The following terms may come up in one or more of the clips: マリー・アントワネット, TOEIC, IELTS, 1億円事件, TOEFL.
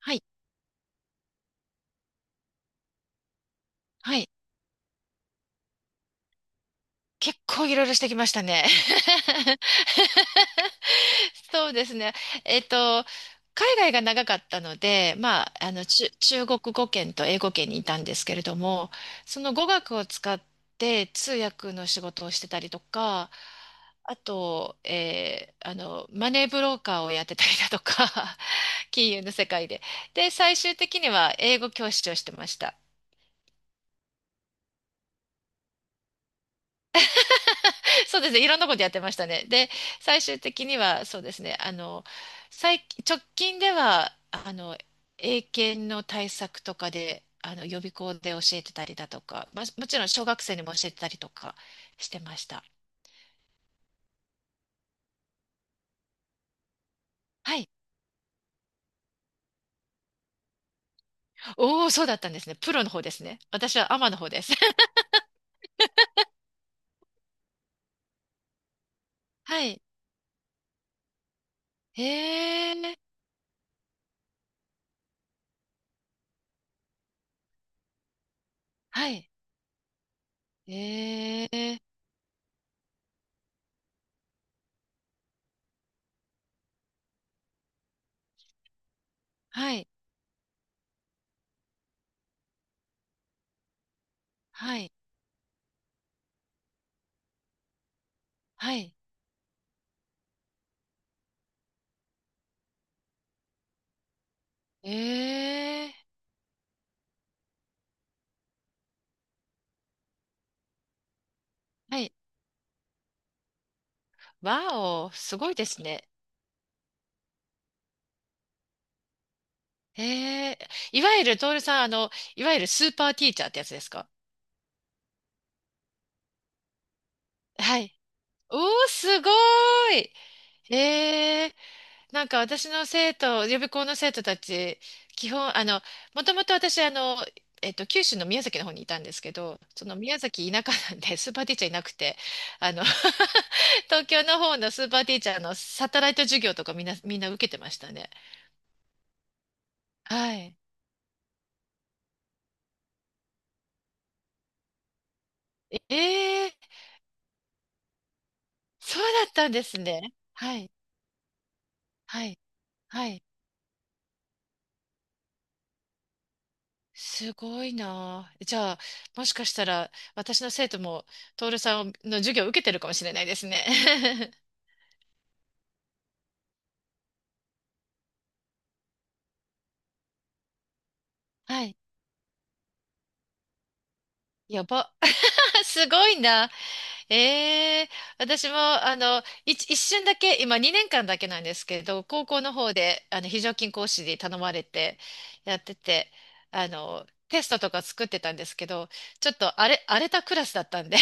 はい。はい。結構いろいろしてきましたね。そうですね。えっと、海外が長かったので、まあ、中国語圏と英語圏にいたんですけれども、その語学を使って通訳の仕事をしてたりとか、あと、マネーブローカーをやってたりだとか、金融の世界で。で、最終的には英語教師をしてました。そうですね。いろんなことやってましたね。で、最終的には、そうですね。直近では、英検の対策とかで、予備校で教えてたりだとか、まあ、もちろん小学生にも教えてたりとかしてました。はい。おお、そうだったんですね。プロの方ですね。私はアマの方です。はい。へえ。はい。へえ。はい。はい。はい。ええ。はい。わお、すごいですね。ええ、いわゆる、トールさん、あの、いわゆるスーパーティーチャーってやつですか？はい。おー、すごーい。ええ、なんか私の生徒、予備校の生徒たち、基本、もともと私、九州の宮崎の方にいたんですけど、その宮崎田舎なんで、スーパーティーチャーいなくて、あの 東京の方のスーパーティーチャーのサテライト授業とかみんな受けてましたね。はい。ええ、そうだったんですね。はい、はい、はい。すごいなあ。じゃあ、もしかしたら、私の生徒も、徹さんの授業を受けてるかもしれないですね。はい。やば。すごいな。ええ、私も、一瞬だけ、今2年間だけなんですけど、高校の方で、非常勤講師に頼まれて、やってて、テストとか作ってたんですけど、ちょっと荒れたクラスだったんで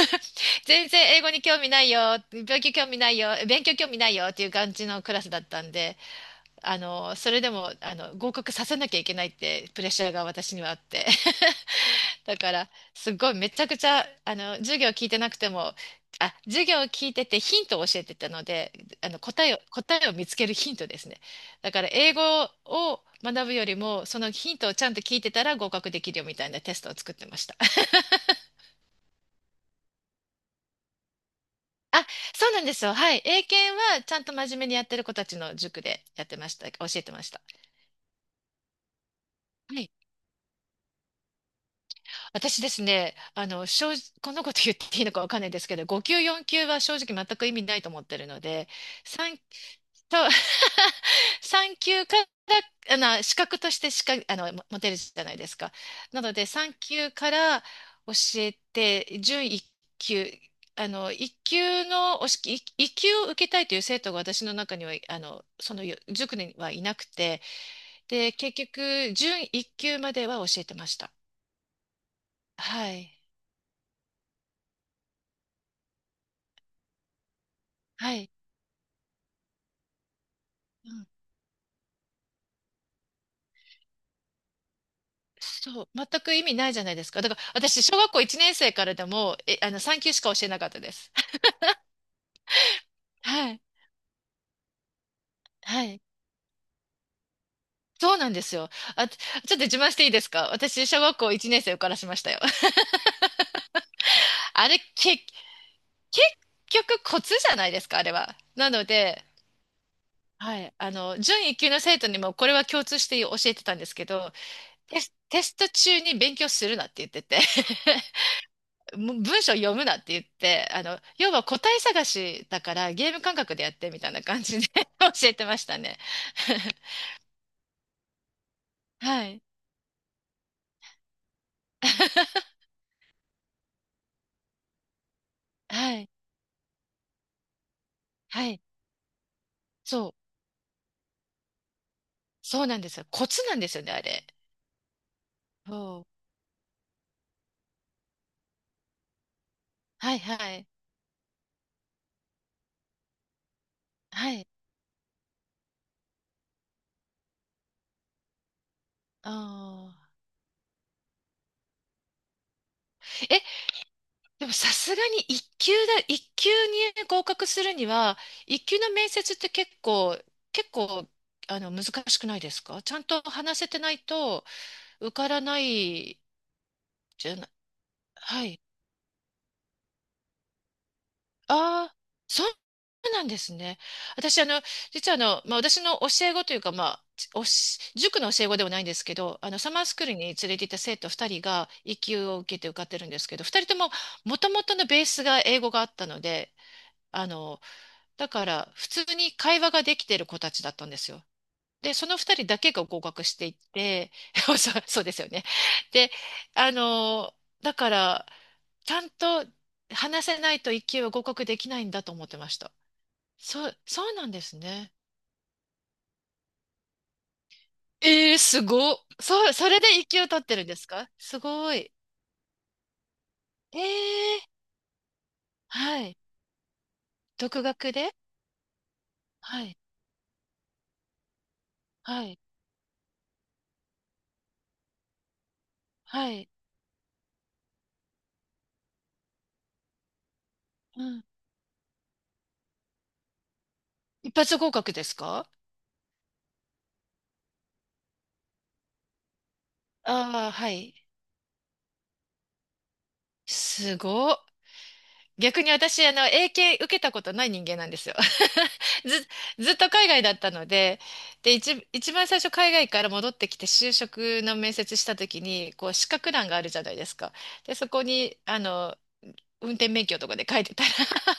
全然英語に興味ないよ、勉強興味ないよ、勉強興味ないよっていう感じのクラスだったんで、それでも、合格させなきゃいけないってプレッシャーが私にはあって。だから、すごいめちゃくちゃ、授業聞いてなくても、授業を聞いててヒントを教えてたので、答えを見つけるヒントですね。だから、英語を学ぶよりも、そのヒントをちゃんと聞いてたら合格できるよみたいなテストを作ってました。あ、そうなんですよ。はい。英検はちゃんと真面目にやってる子たちの塾でやってました。教えてました。はい。私ですね、正直、こんなこと言っていいのかわかんないですけど、5級、4級は正直全く意味ないと思ってるので、さんと、産休から、資格としてしか、も持てるじゃないですか。なので、産休から教えて、準一級、あの、一級の、一級を受けたいという生徒が私の中には、その塾にはいなくて、で、結局、準一級までは教えてました。はい。はい。うん。そう、全く意味ないじゃないですか。だから、私、小学校1年生からでも、え、あの、産級しか教えなかったです。はい。はい。そうなんですよ。あ、ちょっと自慢していいですか？私、小学校1年生受からしましたよ。あれ、け、結局コツじゃないですか、あれは。なので、はい、準一級の生徒にもこれは共通して教えてたんですけど、テスト中に勉強するなって言ってて、もう文章読むなって言って、要は答え探しだからゲーム感覚でやってみたいな感じで 教えてましたね。はい。はい。はい。そう。そうなんですよ。コツなんですよね、あれ。そう。はい、はい。はい。ああ。え、でもさすがに一級に合格するには、一級の面接って結構、難しくないですか？ちゃんと話せてないと受からないじゃない。はい。ああ、そうなんですね。私、あの、実はあの、まあ、私の教え子というか、まあ、塾の教え子ではないんですけど、サマースクールに連れて行った生徒2人が、一級を受けて受かってるんですけど、2人とも、もともとのベースが英語があったので、あの、だから、普通に会話ができてる子たちだったんですよ。で、その二人だけが合格していって、そう、そうですよね。で、あの、だから、ちゃんと話せないと一級は合格できないんだと思ってました。そう、そうなんですね。えー、すごっ。そう、それで一級取ってるんですか？すごい。えー、はい。独学で、はい、はい、はい。うん。一発合格ですか？ああー、はい。すごっ。逆に私、英検受けたことない人間なんですよ。ず、ずっと海外だったので、で、一番最初海外から戻ってきて就職の面接した時に、こう、資格欄があるじゃないですか。で、そこに、運転免許とかで書いてたら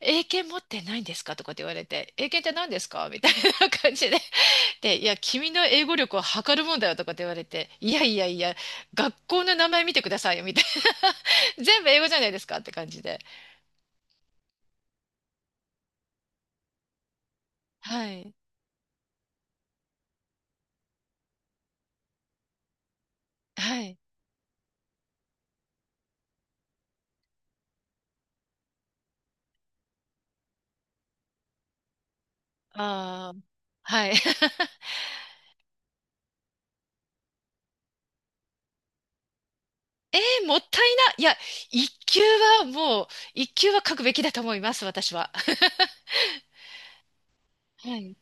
英検持ってないんですかとかって言われて、英検って何ですかみたいな感じで。で、いや、君の英語力を測るもんだよとかって言われて、いやいやいや、学校の名前見てくださいよ、みたいな。全部英語じゃないですかって感じで。はい。はい。ああ。はい。えー、もったいな。いや、一級はもう、一級は書くべきだと思います、私は。はい。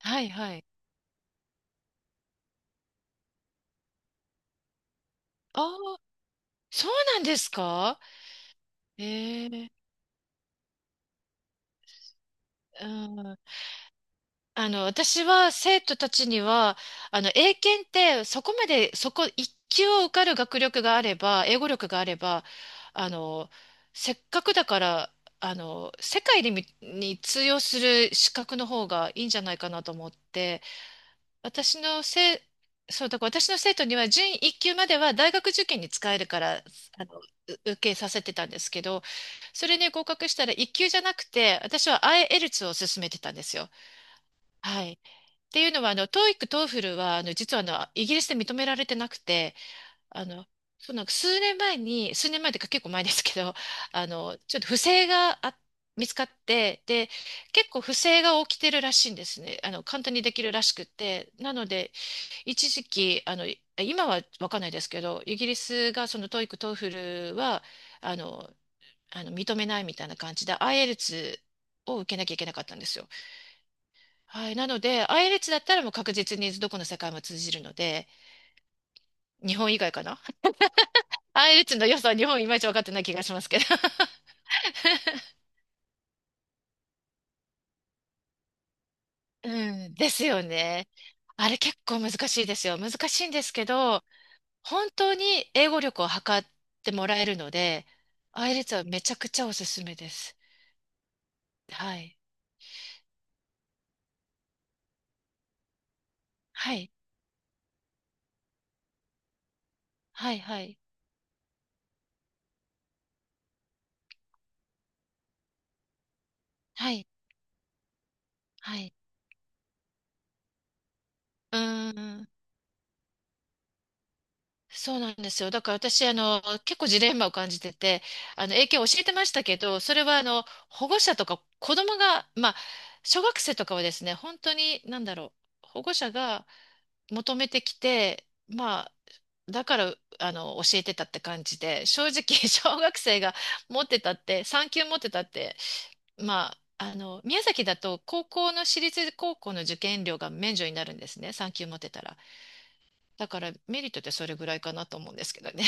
はい、はい。ああ、そうなんですか？ええ、うん、私は生徒たちには、英検ってそこ一級を受かる学力があれば、英語力があれば、あの、せっかくだから、世界にに通用する資格の方がいいんじゃないかなと思って、私のせ、そう、だから私の生徒には準一級までは大学受験に使えるから、あの、う受けさせてたんですけど、それに合格したら一級じゃなくて、私は IELTS を勧めてたんですよ。はい。っていうのは、TOEIC、TOEFL は、実は、イギリスで認められてなくて、あの、その数年前に、数年前というか結構前ですけど、ちょっと不正があ見つかって、で、結構不正が起きてるらしいんですね。簡単にできるらしくて。なので、一時期、今はわかんないですけど、イギリスがその TOEIC、TOEFL は、あの、認めないみたいな感じで、IELTS を受けなきゃいけなかったんですよ。はい。なので、i イ l t だったらもう確実にどこの世界も通じるので、日本以外かな。 i イ l t の良さは日本いまいち分かってない気がしますけど。うん。ですよね。あれ結構難しいですよ。難しいんですけど、本当に英語力を測ってもらえるので、i イ l t はめちゃくちゃおすすめです。はい。はい。はい。はい。はい。はい。うーん。そうなんですよ。だから私、結構ジレンマを感じてて、英検教えてましたけど、それは、保護者とか子供が、まあ、小学生とかはですね、本当に、なんだろう、保護者が求めてきて、まあ、だから、教えてたって感じで、正直、小学生が持ってたって、3級持ってたって、まあ、宮崎だと、高校の私立高校の受験料が免除になるんですね、3級持ってたら。だから、メリットってそれぐらいかなと思うんですけどね。